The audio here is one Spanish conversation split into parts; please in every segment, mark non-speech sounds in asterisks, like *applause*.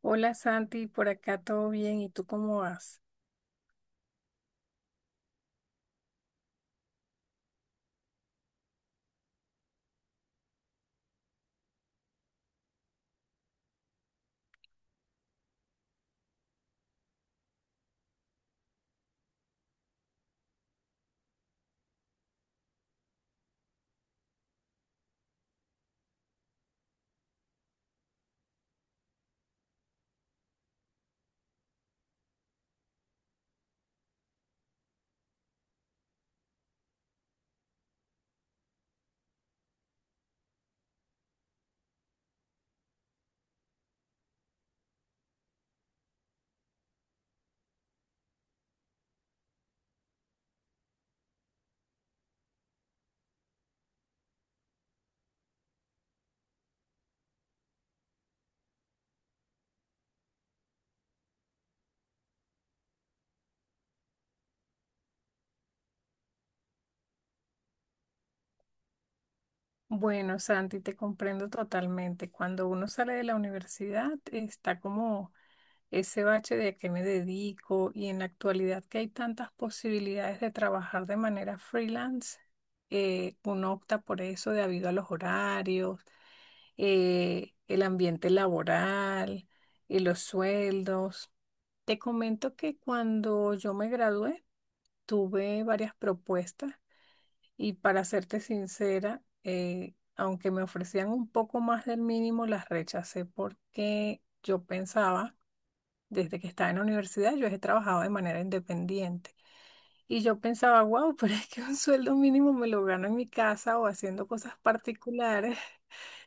Hola Santi, por acá todo bien, ¿y tú cómo vas? Bueno, Santi, te comprendo totalmente. Cuando uno sale de la universidad está como ese bache de a qué me dedico y en la actualidad que hay tantas posibilidades de trabajar de manera freelance, uno opta por eso debido a los horarios, el ambiente laboral y los sueldos. Te comento que cuando yo me gradué tuve varias propuestas. Y para serte sincera, aunque me ofrecían un poco más del mínimo, las rechacé porque yo pensaba, desde que estaba en la universidad, yo he trabajado de manera independiente. Y yo pensaba, wow, pero es que un sueldo mínimo me lo gano en mi casa o haciendo cosas particulares.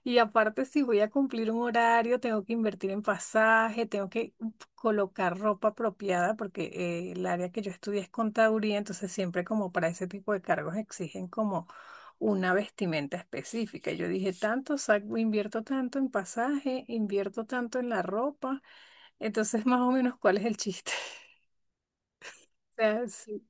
Y aparte, si voy a cumplir un horario, tengo que invertir en pasaje, tengo que colocar ropa apropiada, porque el área que yo estudié es contaduría, entonces siempre como para ese tipo de cargos exigen como una vestimenta específica. Yo dije, tanto, saco, invierto tanto en pasaje, invierto tanto en la ropa, entonces *laughs* más o menos, ¿cuál es el chiste? *laughs* O sea, sí,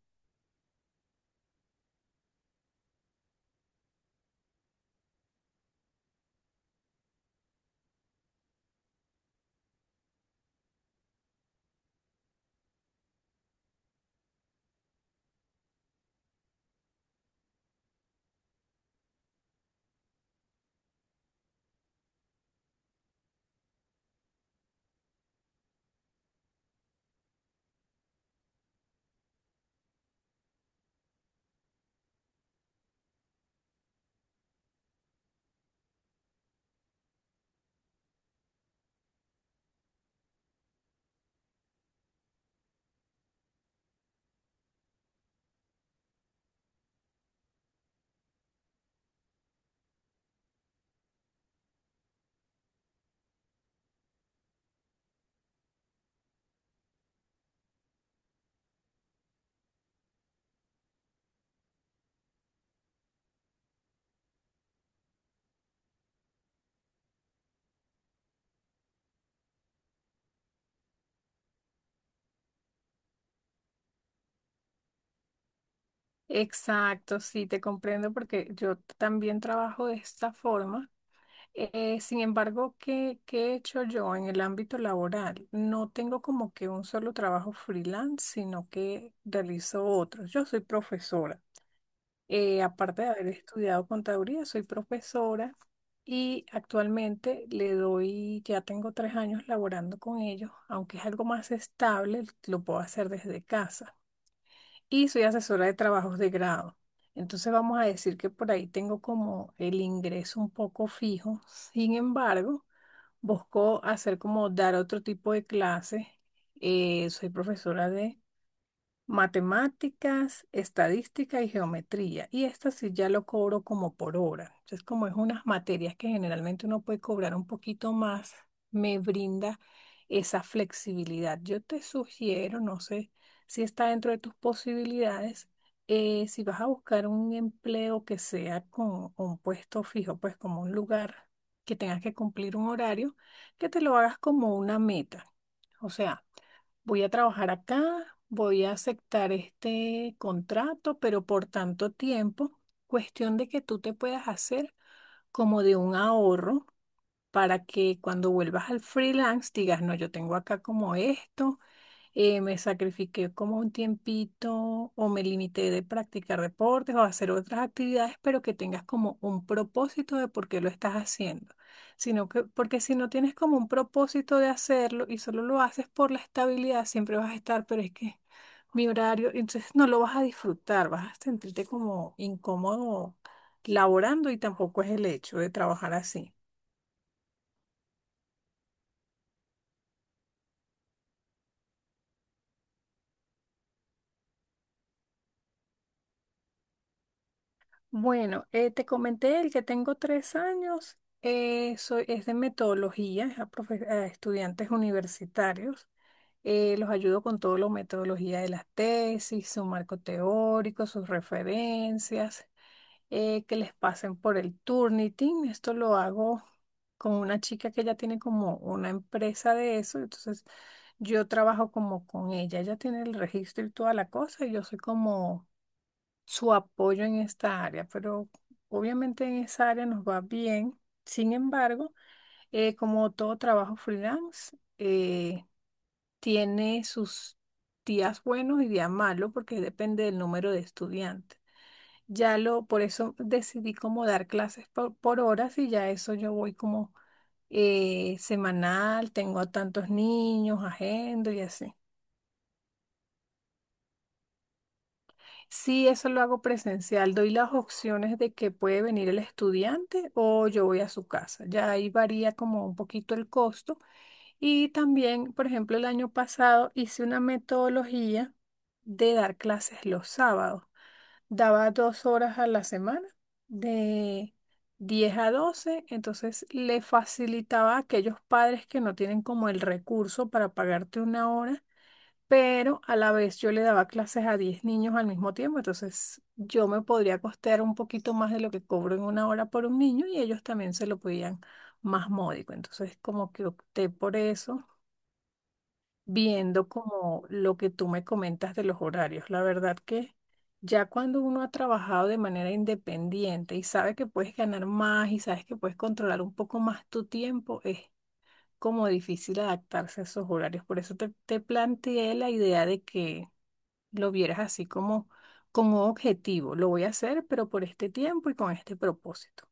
exacto, sí, te comprendo porque yo también trabajo de esta forma. Sin embargo, ¿qué he hecho yo en el ámbito laboral? No tengo como que un solo trabajo freelance, sino que realizo otros. Yo soy profesora. Aparte de haber estudiado contaduría, soy profesora y actualmente le doy, ya tengo 3 años laborando con ellos, aunque es algo más estable, lo puedo hacer desde casa y soy asesora de trabajos de grado. Entonces vamos a decir que por ahí tengo como el ingreso un poco fijo. Sin embargo, busco hacer como dar otro tipo de clases. Soy profesora de matemáticas, estadística y geometría. Y esta sí ya lo cobro como por hora. Entonces, como es unas materias que generalmente uno puede cobrar un poquito más, me brinda esa flexibilidad. Yo te sugiero, no sé si está dentro de tus posibilidades, si vas a buscar un empleo que sea con un puesto fijo, pues como un lugar que tengas que cumplir un horario, que te lo hagas como una meta. O sea, voy a trabajar acá, voy a aceptar este contrato, pero por tanto tiempo, cuestión de que tú te puedas hacer como de un ahorro para que cuando vuelvas al freelance digas, no, yo tengo acá como esto. Me sacrifiqué como un tiempito o me limité de practicar deportes o hacer otras actividades, pero que tengas como un propósito de por qué lo estás haciendo. Sino que, porque si no tienes como un propósito de hacerlo y solo lo haces por la estabilidad, siempre vas a estar, pero es que mi horario, entonces no lo vas a disfrutar, vas a sentirte como incómodo laborando y tampoco es el hecho de trabajar así. Bueno, te comenté el que tengo 3 años, es de metodología, a estudiantes universitarios. Los ayudo con toda la metodología de las tesis, su marco teórico, sus referencias, que les pasen por el Turnitin. Esto lo hago con una chica que ya tiene como una empresa de eso, entonces yo trabajo como con ella. Ella tiene el registro y toda la cosa y yo soy como su apoyo en esta área, pero obviamente en esa área nos va bien. Sin embargo, como todo trabajo freelance, tiene sus días buenos y días malos porque depende del número de estudiantes. Ya lo, por eso decidí como dar clases por horas y ya eso yo voy como semanal, tengo a tantos niños, agendo y así. Sí, eso lo hago presencial. Doy las opciones de que puede venir el estudiante o yo voy a su casa. Ya ahí varía como un poquito el costo. Y también, por ejemplo, el año pasado hice una metodología de dar clases los sábados. Daba 2 horas a la semana, de 10 a 12. Entonces le facilitaba a aquellos padres que no tienen como el recurso para pagarte una hora pero a la vez yo le daba clases a 10 niños al mismo tiempo, entonces yo me podría costear un poquito más de lo que cobro en una hora por un niño y ellos también se lo podían más módico. Entonces como que opté por eso, viendo como lo que tú me comentas de los horarios. La verdad que ya cuando uno ha trabajado de manera independiente y sabe que puedes ganar más y sabes que puedes controlar un poco más tu tiempo, es como difícil adaptarse a esos horarios. Por eso te planteé la idea de que lo vieras así como, como objetivo. Lo voy a hacer, pero por este tiempo y con este propósito.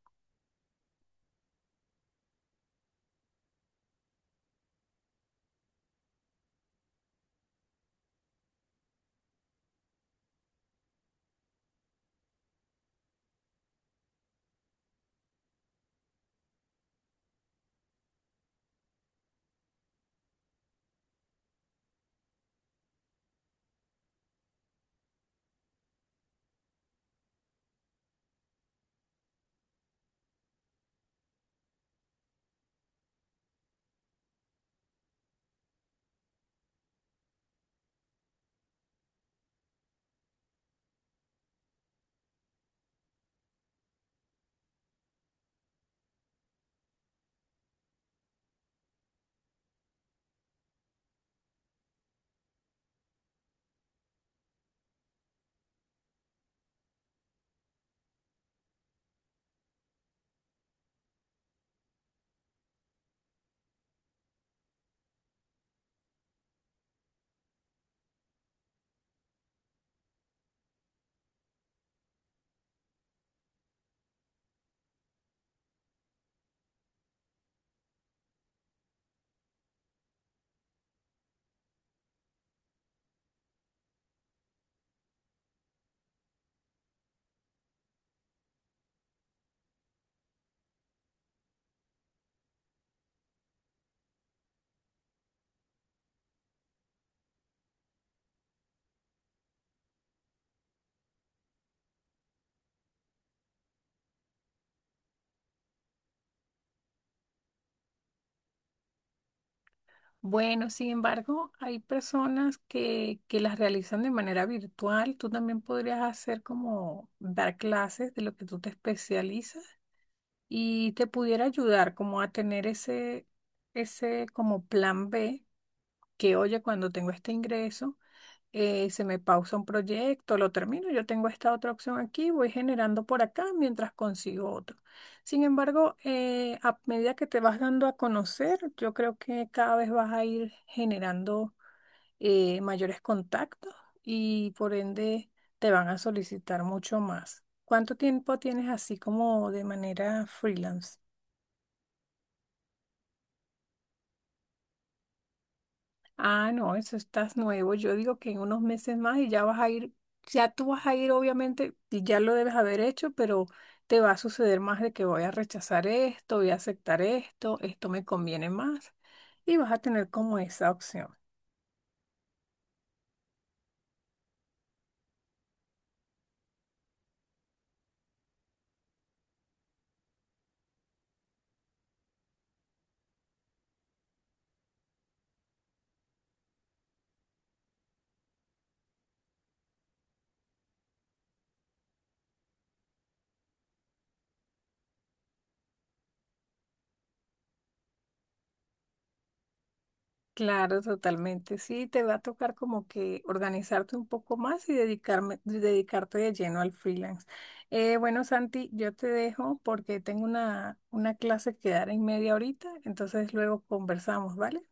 Bueno, sin embargo, hay personas que las realizan de manera virtual. Tú también podrías hacer como dar clases de lo que tú te especializas y te pudiera ayudar como a tener ese, ese como plan B, que oye, cuando tengo este ingreso. Se me pausa un proyecto, lo termino, yo tengo esta otra opción aquí, voy generando por acá mientras consigo otro. Sin embargo, a medida que te vas dando a conocer, yo creo que cada vez vas a ir generando mayores contactos y por ende te van a solicitar mucho más. ¿Cuánto tiempo tienes así como de manera freelance? Ah, no, eso estás nuevo. Yo digo que en unos meses más y ya vas a ir, ya tú vas a ir, obviamente, y ya lo debes haber hecho, pero te va a suceder más de que voy a rechazar esto, voy a aceptar esto, esto me conviene más, y vas a tener como esa opción. Claro, totalmente. Sí, te va a tocar como que organizarte un poco más y dedicarme, dedicarte de lleno al freelance. Bueno, Santi, yo te dejo porque tengo una clase que dar en media horita, entonces luego conversamos, ¿vale?